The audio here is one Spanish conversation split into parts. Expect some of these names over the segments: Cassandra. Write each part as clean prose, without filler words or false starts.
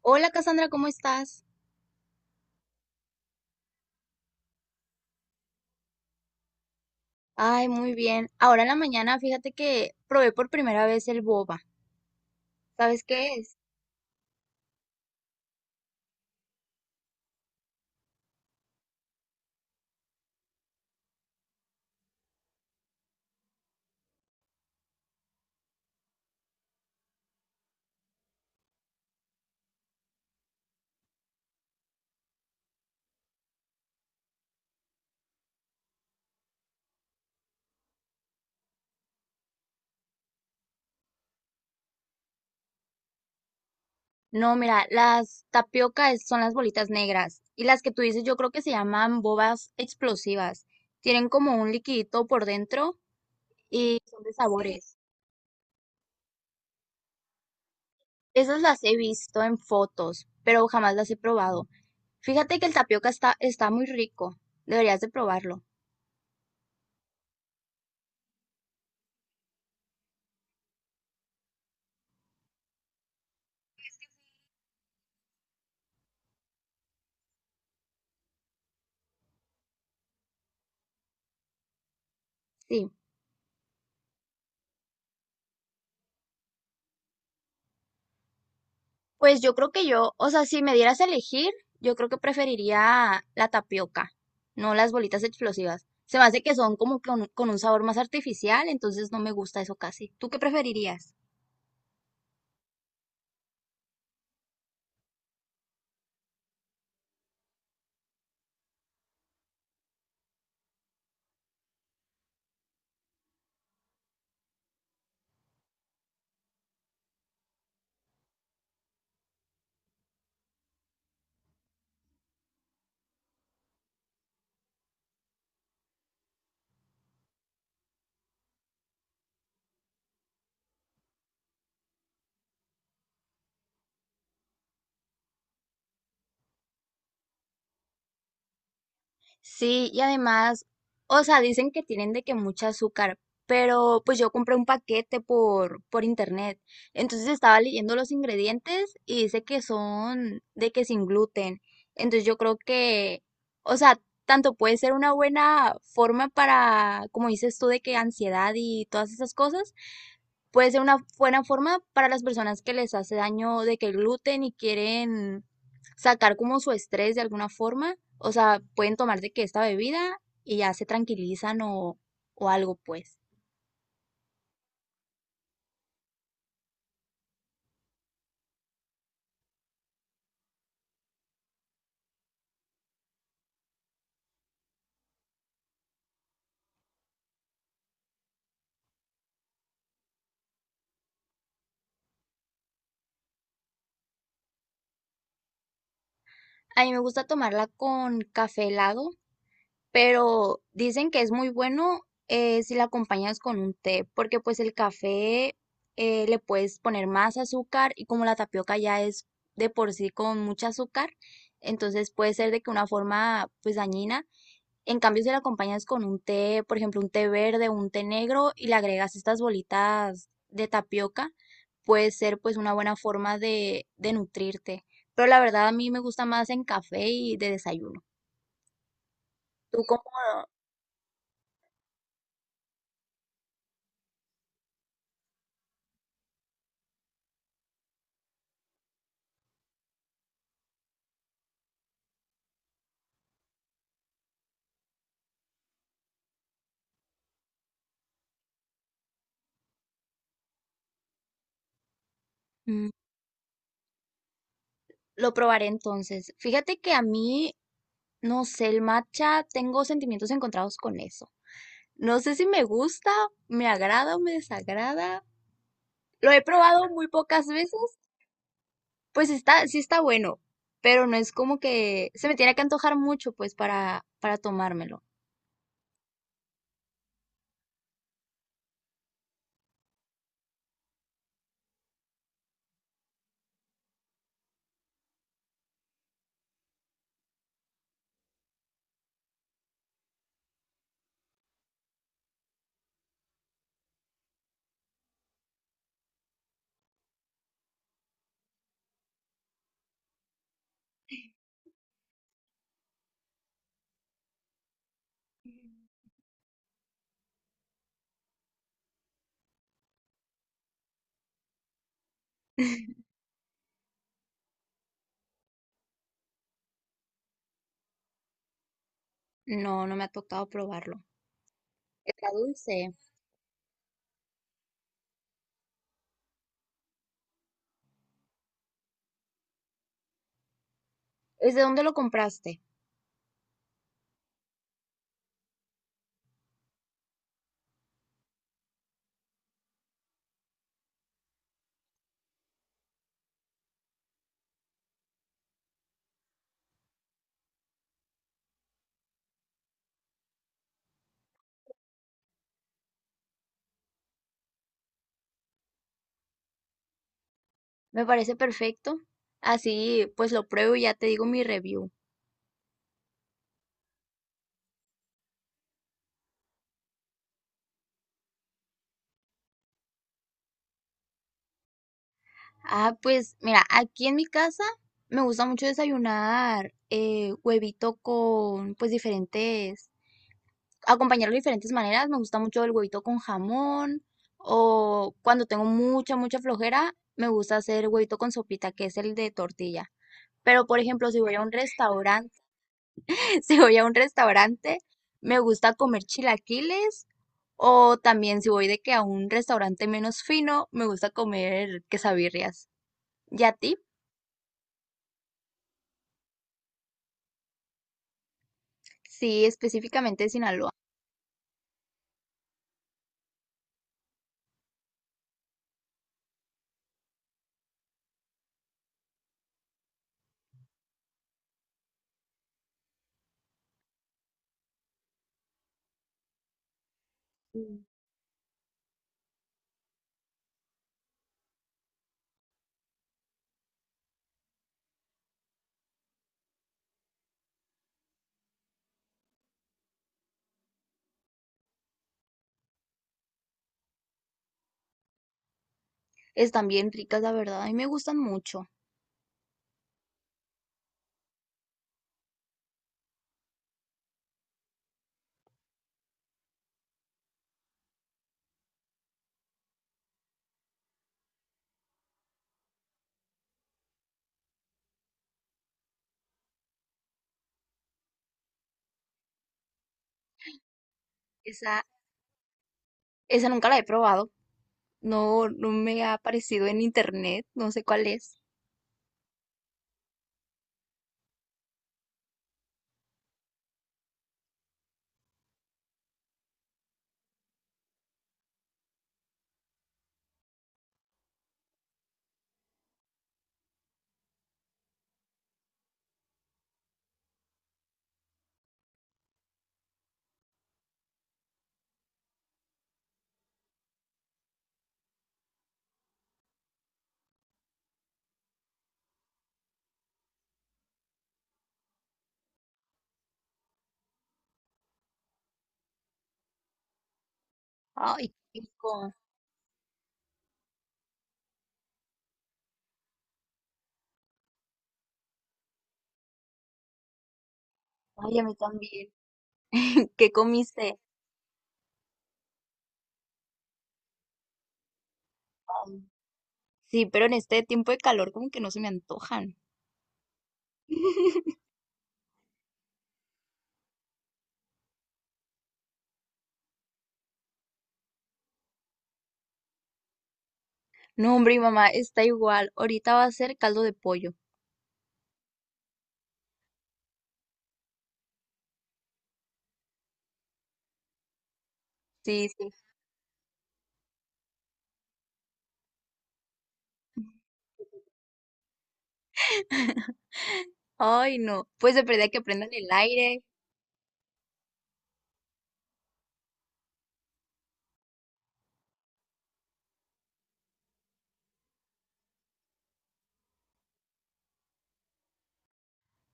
Hola Cassandra, ¿cómo estás? Ay, muy bien. Ahora en la mañana, fíjate que probé por primera vez el boba. ¿Sabes qué es? No, mira, las tapiocas son las bolitas negras y las que tú dices yo creo que se llaman bobas explosivas. Tienen como un liquidito por dentro y son de sabores. Esas las he visto en fotos, pero jamás las he probado. Fíjate que el tapioca está muy rico. Deberías de probarlo. Sí. Pues yo creo que yo, o sea, si me dieras a elegir, yo creo que preferiría la tapioca, no las bolitas explosivas. Se me hace que son como con un sabor más artificial, entonces no me gusta eso casi. ¿Tú qué preferirías? Sí, y además, o sea, dicen que tienen de que mucha azúcar, pero pues yo compré un paquete por internet. Entonces estaba leyendo los ingredientes y dice que son de que sin gluten. Entonces yo creo que, o sea, tanto puede ser una buena forma para, como dices tú, de que ansiedad y todas esas cosas, puede ser una buena forma para las personas que les hace daño de que el gluten y quieren sacar como su estrés de alguna forma. O sea, pueden tomar de que esta bebida y ya se tranquilizan o algo, pues. A mí me gusta tomarla con café helado, pero dicen que es muy bueno si la acompañas con un té, porque pues el café le puedes poner más azúcar y como la tapioca ya es de por sí con mucha azúcar, entonces puede ser de que una forma pues dañina. En cambio, si la acompañas con un té, por ejemplo, un té verde, o un té negro y le agregas estas bolitas de tapioca, puede ser pues una buena forma de nutrirte. Pero la verdad a mí me gusta más en café y de desayuno. ¿Tú cómo mm, lo probaré entonces? Fíjate que a mí, no sé, el matcha, tengo sentimientos encontrados con eso. No sé si me gusta, me agrada o me desagrada. Lo he probado muy pocas veces. Pues está, sí está bueno, pero no es como que se me tiene que antojar mucho, pues, para tomármelo. No, no me ha tocado probarlo. Está dulce. ¿Desde dónde lo compraste? Me parece perfecto. Así, pues lo pruebo y ya te digo mi review. Ah, pues mira, aquí en mi casa me gusta mucho desayunar huevito con pues diferentes acompañarlo de diferentes maneras. Me gusta mucho el huevito con jamón o cuando tengo mucha flojera, me gusta hacer huevito con sopita, que es el de tortilla. Pero, por ejemplo, si voy a un restaurante, si voy a un restaurante, me gusta comer chilaquiles o también si voy de que a un restaurante menos fino, me gusta comer quesabirrias. ¿Y a ti? Sí, específicamente de Sinaloa. Están bien ricas, la verdad. A mí me gustan mucho. Esa, Esa nunca la he probado. No, no me ha aparecido en internet, no sé cuál es. Ay, qué rico. Ay, a mí también. ¿Qué comiste? Ay, sí, pero en este tiempo de calor como que no se me antojan. No, hombre, mi mamá está igual. Ahorita va a ser caldo de pollo. Sí, sí. Ay, no. Pues de perdida que prendan el aire.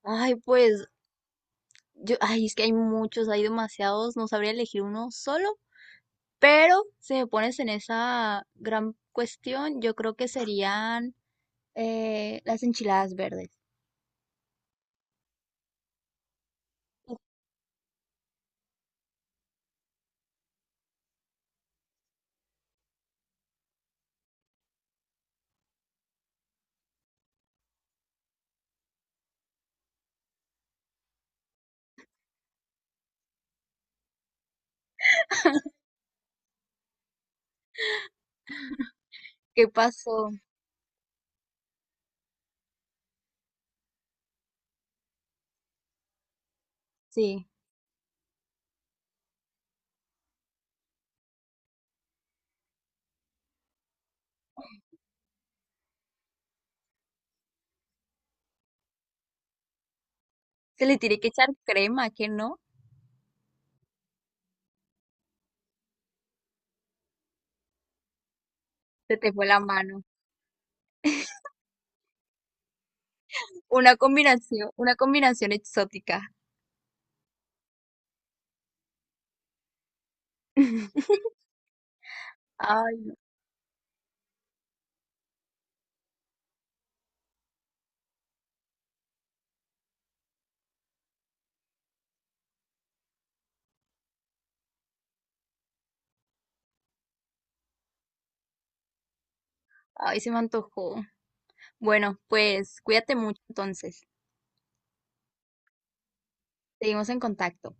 Ay, pues yo, ay, es que hay muchos, hay demasiados. No sabría elegir uno solo. Pero si me pones en esa gran cuestión, yo creo que serían las enchiladas verdes. ¿Qué pasó? Sí, se le tiene que echar crema, que no, se te fue la mano. Una combinación exótica. Ay, no, ay, se me antojó. Bueno, pues cuídate mucho entonces. Seguimos en contacto.